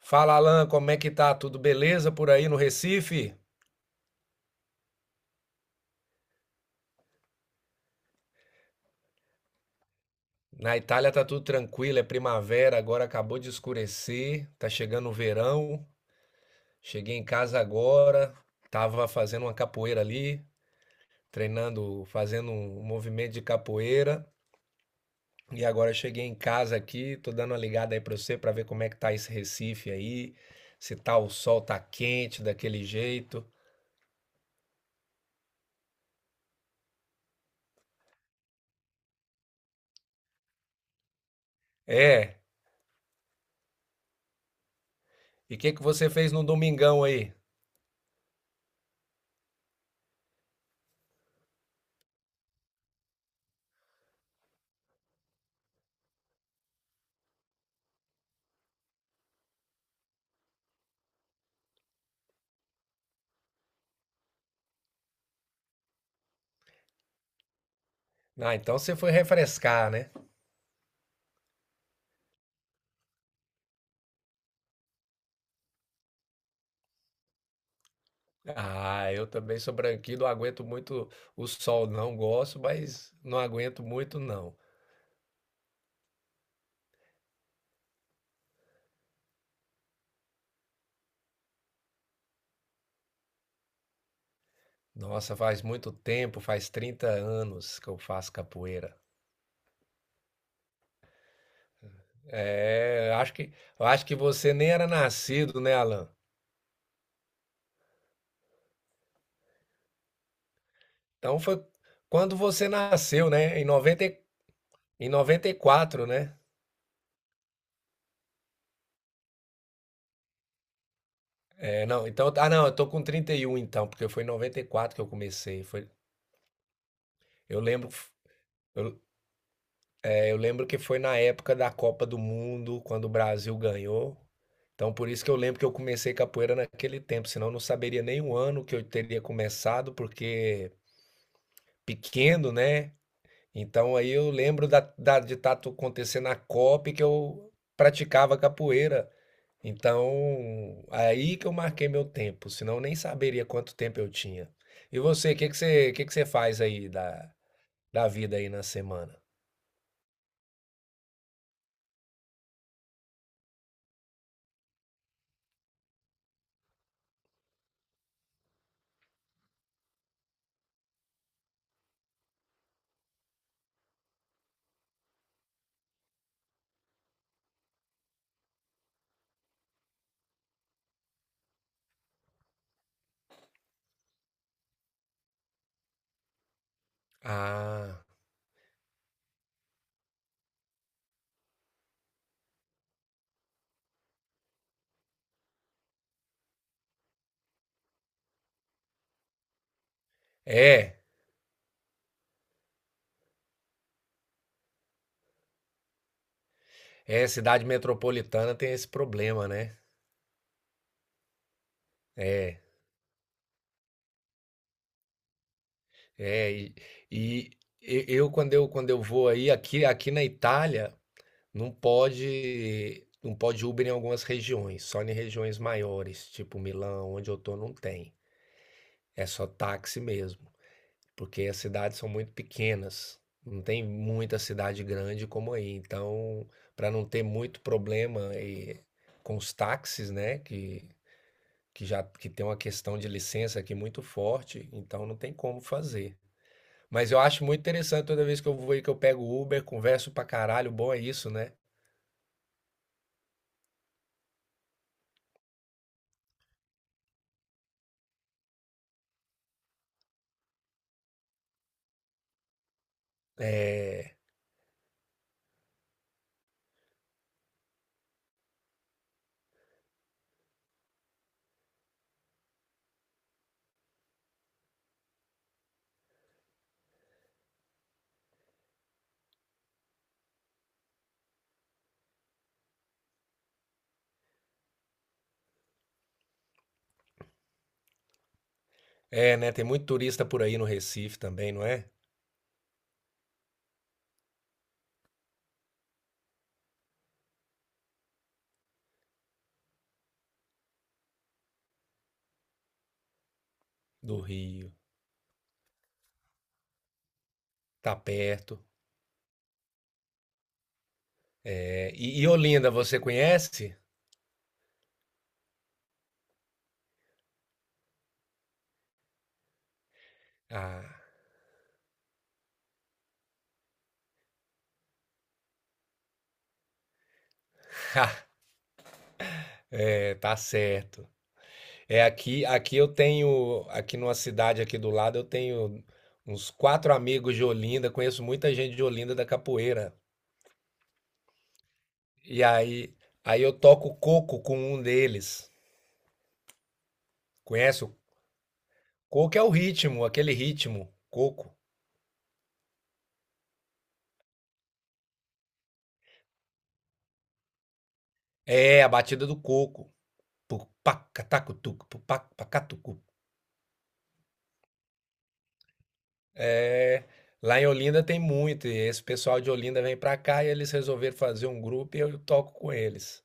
Fala, Alan, como é que tá? Tudo beleza por aí no Recife? Na Itália tá tudo tranquilo, é primavera, agora acabou de escurecer, tá chegando o verão. Cheguei em casa agora, tava fazendo uma capoeira ali, treinando, fazendo um movimento de capoeira. E agora cheguei em casa aqui, tô dando uma ligada aí pra você pra ver como é que tá esse Recife aí, se tá o sol tá quente daquele jeito. É, e o que que você fez no domingão aí? Ah, então você foi refrescar, né? Ah, eu também sou branquinho, não aguento muito o sol, não gosto, mas não aguento muito, não. Nossa, faz muito tempo, faz 30 anos que eu faço capoeira. É, eu acho que você nem era nascido, né, Alan? Então foi quando você nasceu, né? Em 94, né? É, não, então, ah, não, eu tô com 31 então, porque foi em 94 que eu comecei. Foi, eu lembro, Eu lembro que foi na época da Copa do Mundo, quando o Brasil ganhou. Então, por isso que eu lembro que eu comecei capoeira naquele tempo, senão eu não saberia nem o ano que eu teria começado, porque pequeno, né? Então, aí eu lembro de estar acontecendo a Copa e que eu praticava capoeira. Então, aí que eu marquei meu tempo, senão eu nem saberia quanto tempo eu tinha. E você, o que que você faz aí da vida aí na semana? Ah, é. É, cidade metropolitana tem esse problema, né? É, é. E e eu quando eu quando eu vou aí aqui aqui na Itália não pode Uber em algumas regiões, só em regiões maiores, tipo Milão, onde eu tô, não tem. É só táxi mesmo, porque as cidades são muito pequenas. Não tem muita cidade grande como aí. Então, para não ter muito problema com os táxis, né, que já que tem uma questão de licença aqui muito forte, então não tem como fazer. Mas eu acho muito interessante toda vez que eu vou e que eu pego o Uber, converso pra caralho, bom é isso, né? É, é, né? Tem muito turista por aí no Recife também, não é? Do Rio, tá perto. É, e Olinda, você conhece? Ah, é, tá certo. Aqui numa cidade aqui do lado, eu tenho uns quatro amigos de Olinda, conheço muita gente de Olinda da capoeira. E aí, eu toco coco com um deles. Conhece? O coco é o ritmo, aquele ritmo. Coco. É, a batida do coco. Pupacatacutuc, pupacatucu. É, lá em Olinda tem muito, e esse pessoal de Olinda vem pra cá e eles resolveram fazer um grupo e eu toco com eles.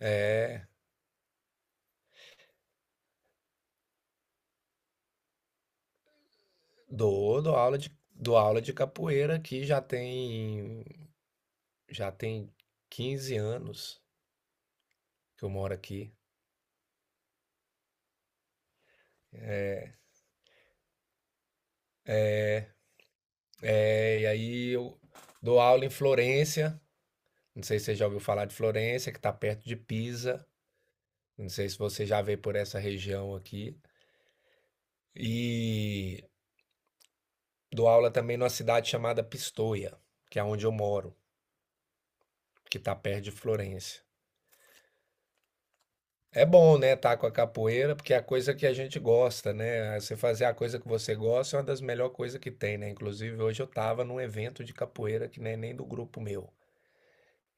É, dou aula de capoeira aqui já tem 15 anos que eu moro aqui. É, e aí eu dou aula em Florença. Não sei se você já ouviu falar de Florença, que está perto de Pisa. Não sei se você já veio por essa região aqui. E dou aula também numa cidade chamada Pistoia, que é onde eu moro, que está perto de Florença. É bom, né, estar com a capoeira, porque é a coisa que a gente gosta, né? Você fazer a coisa que você gosta é uma das melhores coisas que tem, né? Inclusive, hoje eu estava num evento de capoeira que não é nem do grupo meu.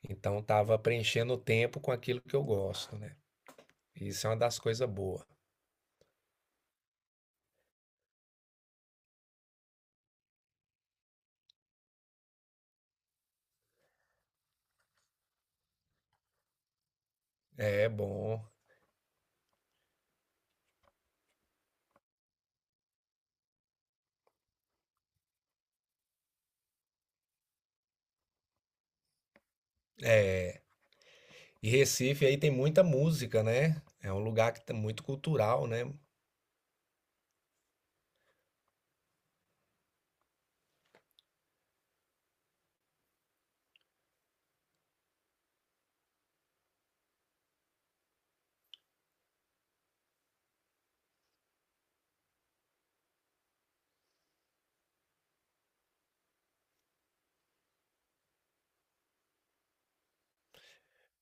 Então, estava preenchendo o tempo com aquilo que eu gosto, né? Isso é uma das coisas boas. É bom. É. E Recife aí tem muita música, né? É um lugar que tá muito cultural, né?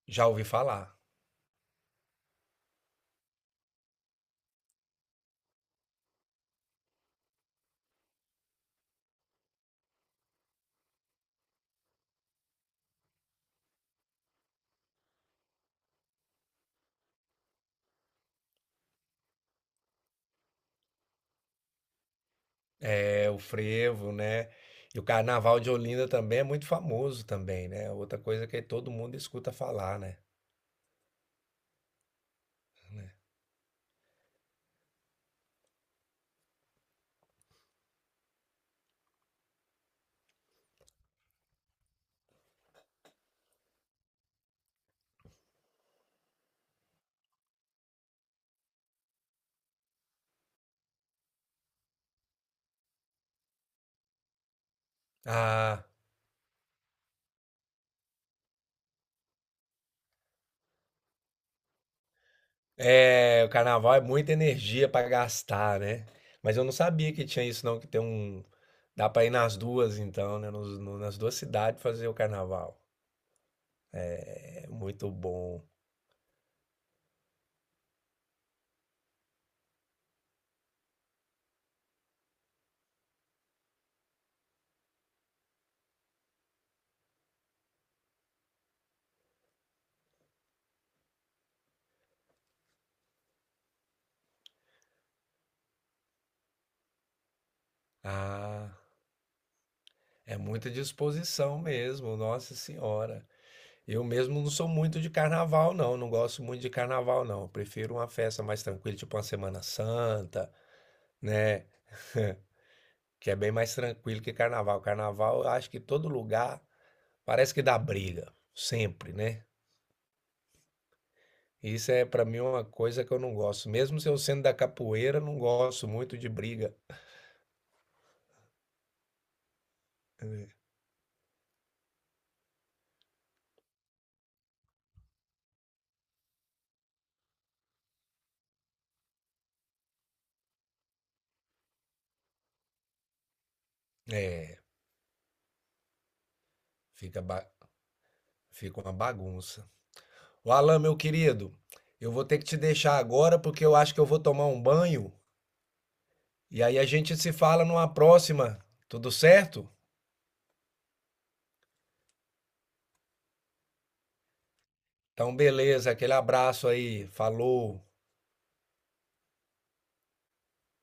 Já ouvi falar. É, o frevo, né? E o Carnaval de Olinda também é muito famoso também, né? Outra coisa que todo mundo escuta falar, né? Ah, é, o Carnaval é muita energia para gastar, né? Mas eu não sabia que tinha isso não, que tem um. Dá para ir nas duas então, né? Nas duas cidades fazer o Carnaval. É muito bom. Ah. É muita disposição mesmo, nossa senhora. Eu mesmo não sou muito de carnaval, não. Não gosto muito de carnaval, não. Eu prefiro uma festa mais tranquila, tipo uma Semana Santa, né? Que é bem mais tranquilo que carnaval. Carnaval, eu acho que todo lugar parece que dá briga, sempre, né? Isso é pra mim uma coisa que eu não gosto. Mesmo se eu sendo da capoeira, eu não gosto muito de briga. É, fica, ba- fica uma bagunça. O Alan, meu querido, eu vou ter que te deixar agora porque eu acho que eu vou tomar um banho e aí a gente se fala numa próxima, tudo certo? Então, beleza, aquele abraço aí, falou.